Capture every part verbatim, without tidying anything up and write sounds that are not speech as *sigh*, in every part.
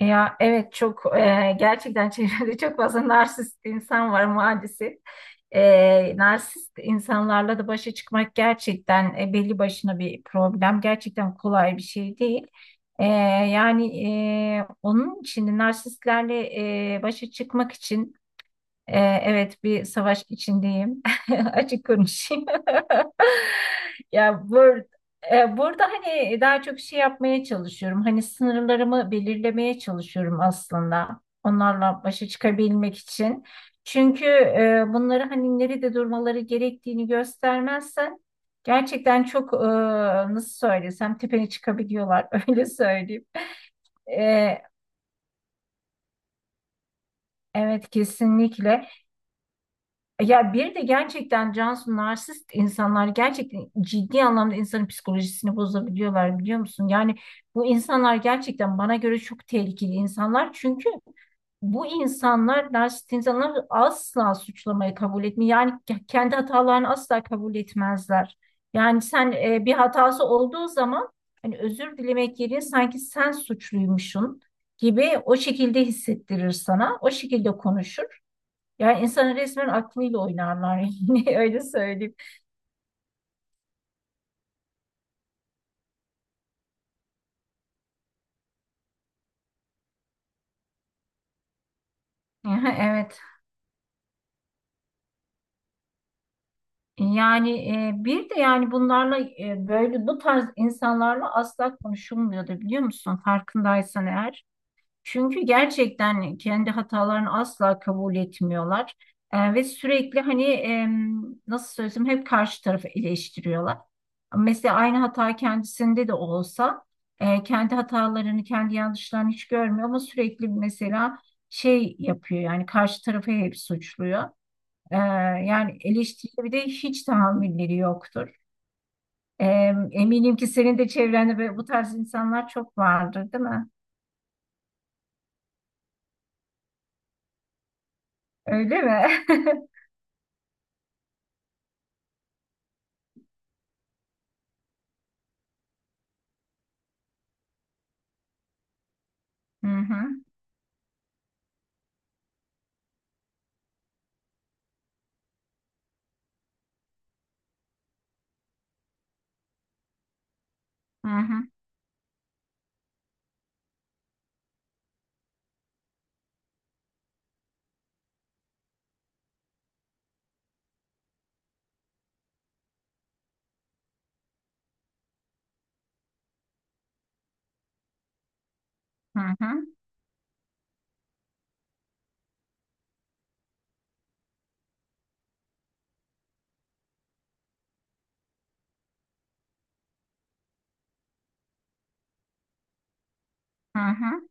Ya evet çok e, gerçekten çevrede çok fazla narsist insan var maalesef. E, narsist insanlarla da başa çıkmak gerçekten e, belli başına bir problem. Gerçekten kolay bir şey değil. E, yani e, Onun için de narsistlerle e, başa çıkmak için. Ee, evet, bir savaş içindeyim. *laughs* Açık konuşayım. *laughs* Ya bur e, Burada hani daha çok şey yapmaya çalışıyorum. Hani sınırlarımı belirlemeye çalışıyorum aslında. Onlarla başa çıkabilmek için. Çünkü e, bunları hani nerede durmaları gerektiğini göstermezsen gerçekten çok e, nasıl söylesem tepene çıkabiliyorlar *laughs* öyle söyleyeyim. E, evet, kesinlikle. E, Ya bir de gerçekten Cansu, narsist insanlar gerçekten ciddi anlamda insanın psikolojisini bozabiliyorlar, biliyor musun? Yani bu insanlar gerçekten bana göre çok tehlikeli insanlar. Çünkü bu insanlar, narsist insanlar asla suçlamayı kabul etmiyor. Yani ke- kendi hatalarını asla kabul etmezler. Yani sen, e, bir hatası olduğu zaman hani özür dilemek yerine sanki sen suçluymuşsun gibi o şekilde hissettirir sana. O şekilde konuşur. Yani insanın resmen aklıyla oynarlar *laughs* yani öyle söyleyeyim. Aha, evet. Yani e, bir de yani bunlarla e, böyle bu tarz insanlarla asla konuşulmuyordu, biliyor musun? Farkındaysan eğer. Çünkü gerçekten kendi hatalarını asla kabul etmiyorlar. Ee, ve sürekli hani em, nasıl söylesem, hep karşı tarafı eleştiriyorlar. Mesela aynı hata kendisinde de olsa e, kendi hatalarını, kendi yanlışlarını hiç görmüyor ama sürekli mesela şey yapıyor, yani karşı tarafı hep suçluyor. Ee, Yani eleştiriye bir de hiç tahammülleri yoktur. Ee, Eminim ki senin de çevrende böyle bu tarz insanlar çok vardır, değil mi? Öyle mi? *laughs* Hı hı. Hı hı, hı hı, hı hı.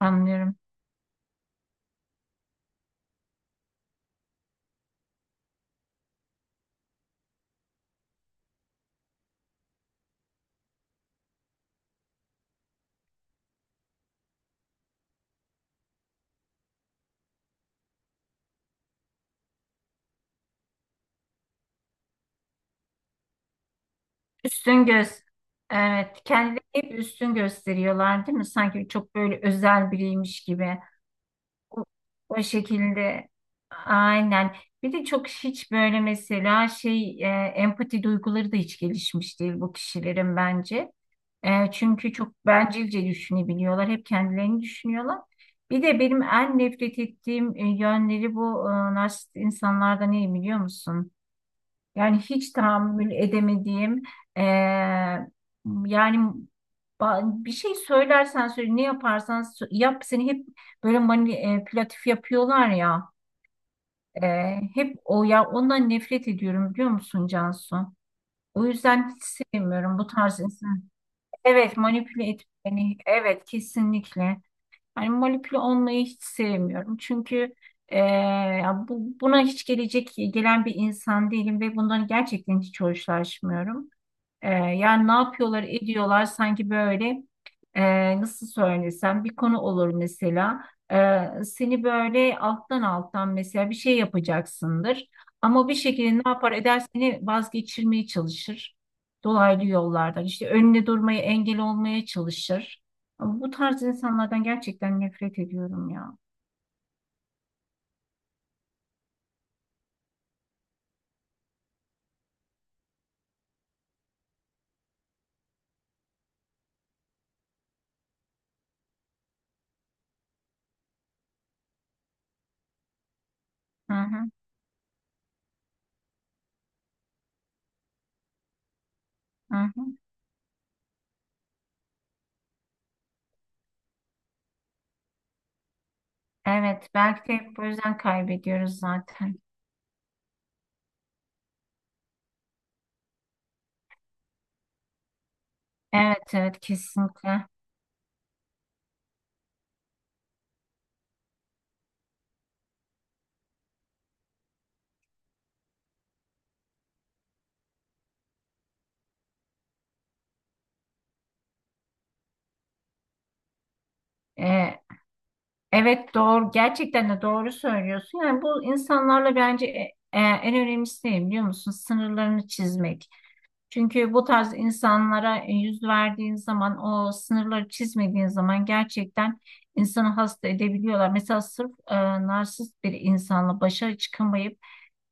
Anlıyorum. Üstün göz. Evet, kendileri hep üstün gösteriyorlar, değil mi? Sanki çok böyle özel biriymiş gibi. O, O şekilde. Aynen. Bir de çok hiç böyle mesela şey e, empati duyguları da hiç gelişmiş değil bu kişilerin bence. E, çünkü çok bencilce düşünebiliyorlar. Hep kendilerini düşünüyorlar. Bir de benim en nefret ettiğim e, yönleri bu e, narsist insanlarda, ne biliyor musun? Yani hiç tahammül edemediğim, eee, yani ba- bir şey söylersen söyle, ne yaparsan sö- yap, seni hep böyle manipülatif yapıyorlar ya. Eee, hep o, ya ondan nefret ediyorum, biliyor musun Cansu? O yüzden hiç sevmiyorum bu tarz insan. Evet, manipüle etmeni, evet, kesinlikle. Hani molekül olmayı hiç sevmiyorum. Çünkü e, ya bu, buna hiç gelecek gelen bir insan değilim ve bundan gerçekten hiç hoşlaşmıyorum. Ee, yani ne yapıyorlar ediyorlar, sanki böyle e, nasıl söylesem, bir konu olur mesela. Ee, seni böyle alttan alttan mesela bir şey yapacaksındır. Ama bir şekilde ne yapar eder seni vazgeçirmeye çalışır. Dolaylı yollardan işte önüne durmaya, engel olmaya çalışır. Bu tarz insanlardan gerçekten nefret ediyorum ya. Hı hı, hı hı. Evet, belki de bu yüzden kaybediyoruz zaten. Evet evet, kesinlikle. Ee, Evet, doğru, gerçekten de doğru söylüyorsun. Yani bu insanlarla bence e, e, en önemlisi ne biliyor musun? Sınırlarını çizmek. Çünkü bu tarz insanlara yüz verdiğin zaman, o sınırları çizmediğin zaman gerçekten insanı hasta edebiliyorlar. Mesela sırf e, narsist bir insanla başa çıkamayıp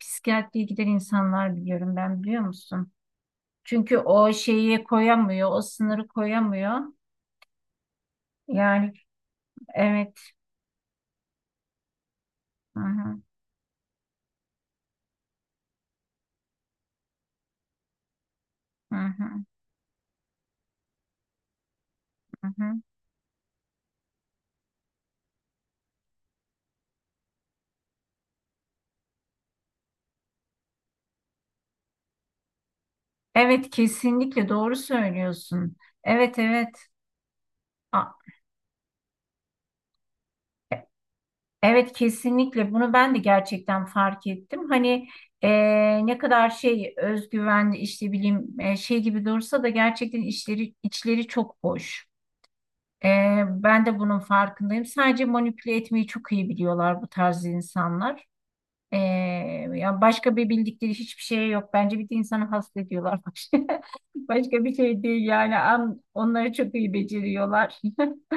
psikiyatriye giden insanlar biliyorum ben, biliyor musun? Çünkü o şeyi koyamıyor, o sınırı koyamıyor. Yani evet. Hı hı, hı hı, hı hı. Evet, kesinlikle doğru söylüyorsun. Evet evet. A- e, Evet, kesinlikle bunu ben de gerçekten fark ettim. Hani e, ne kadar şey, özgüvenli işte bileyim e, şey gibi dursa da gerçekten işleri, içleri çok boş. E, Ben de bunun farkındayım. Sadece manipüle etmeyi çok iyi biliyorlar bu tarz insanlar. E, Ya başka bir bildikleri hiçbir şey yok. Bence bir de insanı hasta ediyorlar. *laughs* Başka bir şey değil yani. An- Onları çok iyi beceriyorlar. *laughs*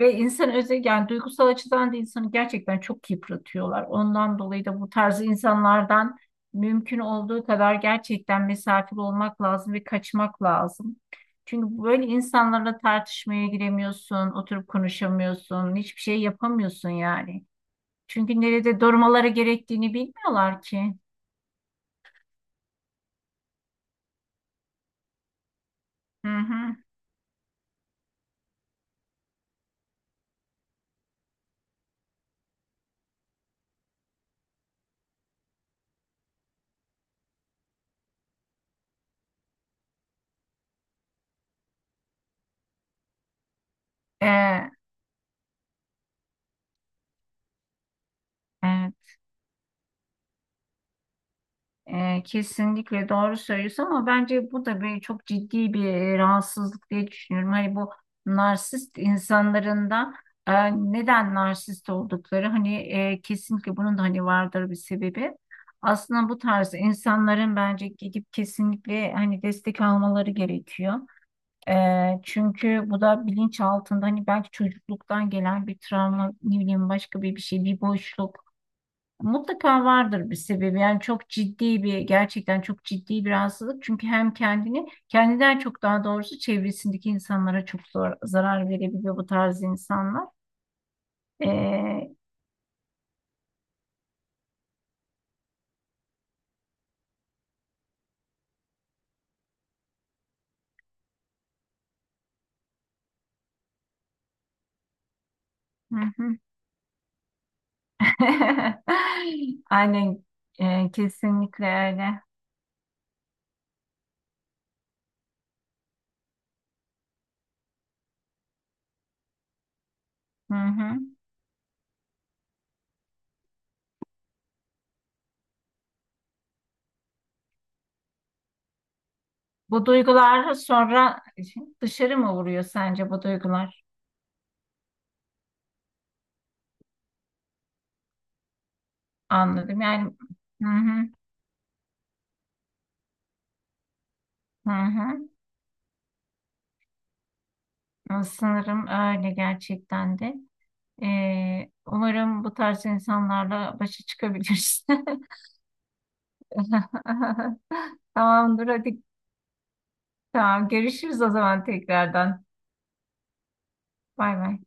Ve insan özel, yani duygusal açıdan da insanı gerçekten çok yıpratıyorlar. Ondan dolayı da bu tarz insanlardan mümkün olduğu kadar gerçekten mesafeli olmak lazım ve kaçmak lazım. Çünkü böyle insanlarla tartışmaya giremiyorsun, oturup konuşamıyorsun, hiçbir şey yapamıyorsun yani. Çünkü nerede durmaları gerektiğini bilmiyorlar ki. Hı hı. Ee, evet. E, kesinlikle doğru söylüyorsun ama bence bu da bir çok ciddi bir e, rahatsızlık diye düşünüyorum. Hani bu narsist insanların da e, neden narsist oldukları hani, e, kesinlikle bunun da hani vardır bir sebebi. Aslında bu tarz insanların bence gidip kesinlikle hani destek almaları gerekiyor. E, Çünkü bu da bilinç altında hani belki çocukluktan gelen bir travma, ne bileyim, başka bir bir şey, bir boşluk. Mutlaka vardır bir sebebi. Yani çok ciddi bir, gerçekten çok ciddi bir rahatsızlık. Çünkü hem kendini, kendinden çok daha doğrusu çevresindeki insanlara çok zor, zarar verebiliyor bu tarz insanlar. Ee, hı hı. *laughs* Aynen, ee, kesinlikle öyle. Hı hı. Bu duygular sonra dışarı mı vuruyor sence, bu duygular? Anladım. Yani hı hı, hı hı. Sanırım öyle gerçekten de. Ee, umarım bu tarz insanlarla başa çıkabiliriz. *laughs* Tamamdır hadi. Tamam, görüşürüz o zaman tekrardan. Bay bay.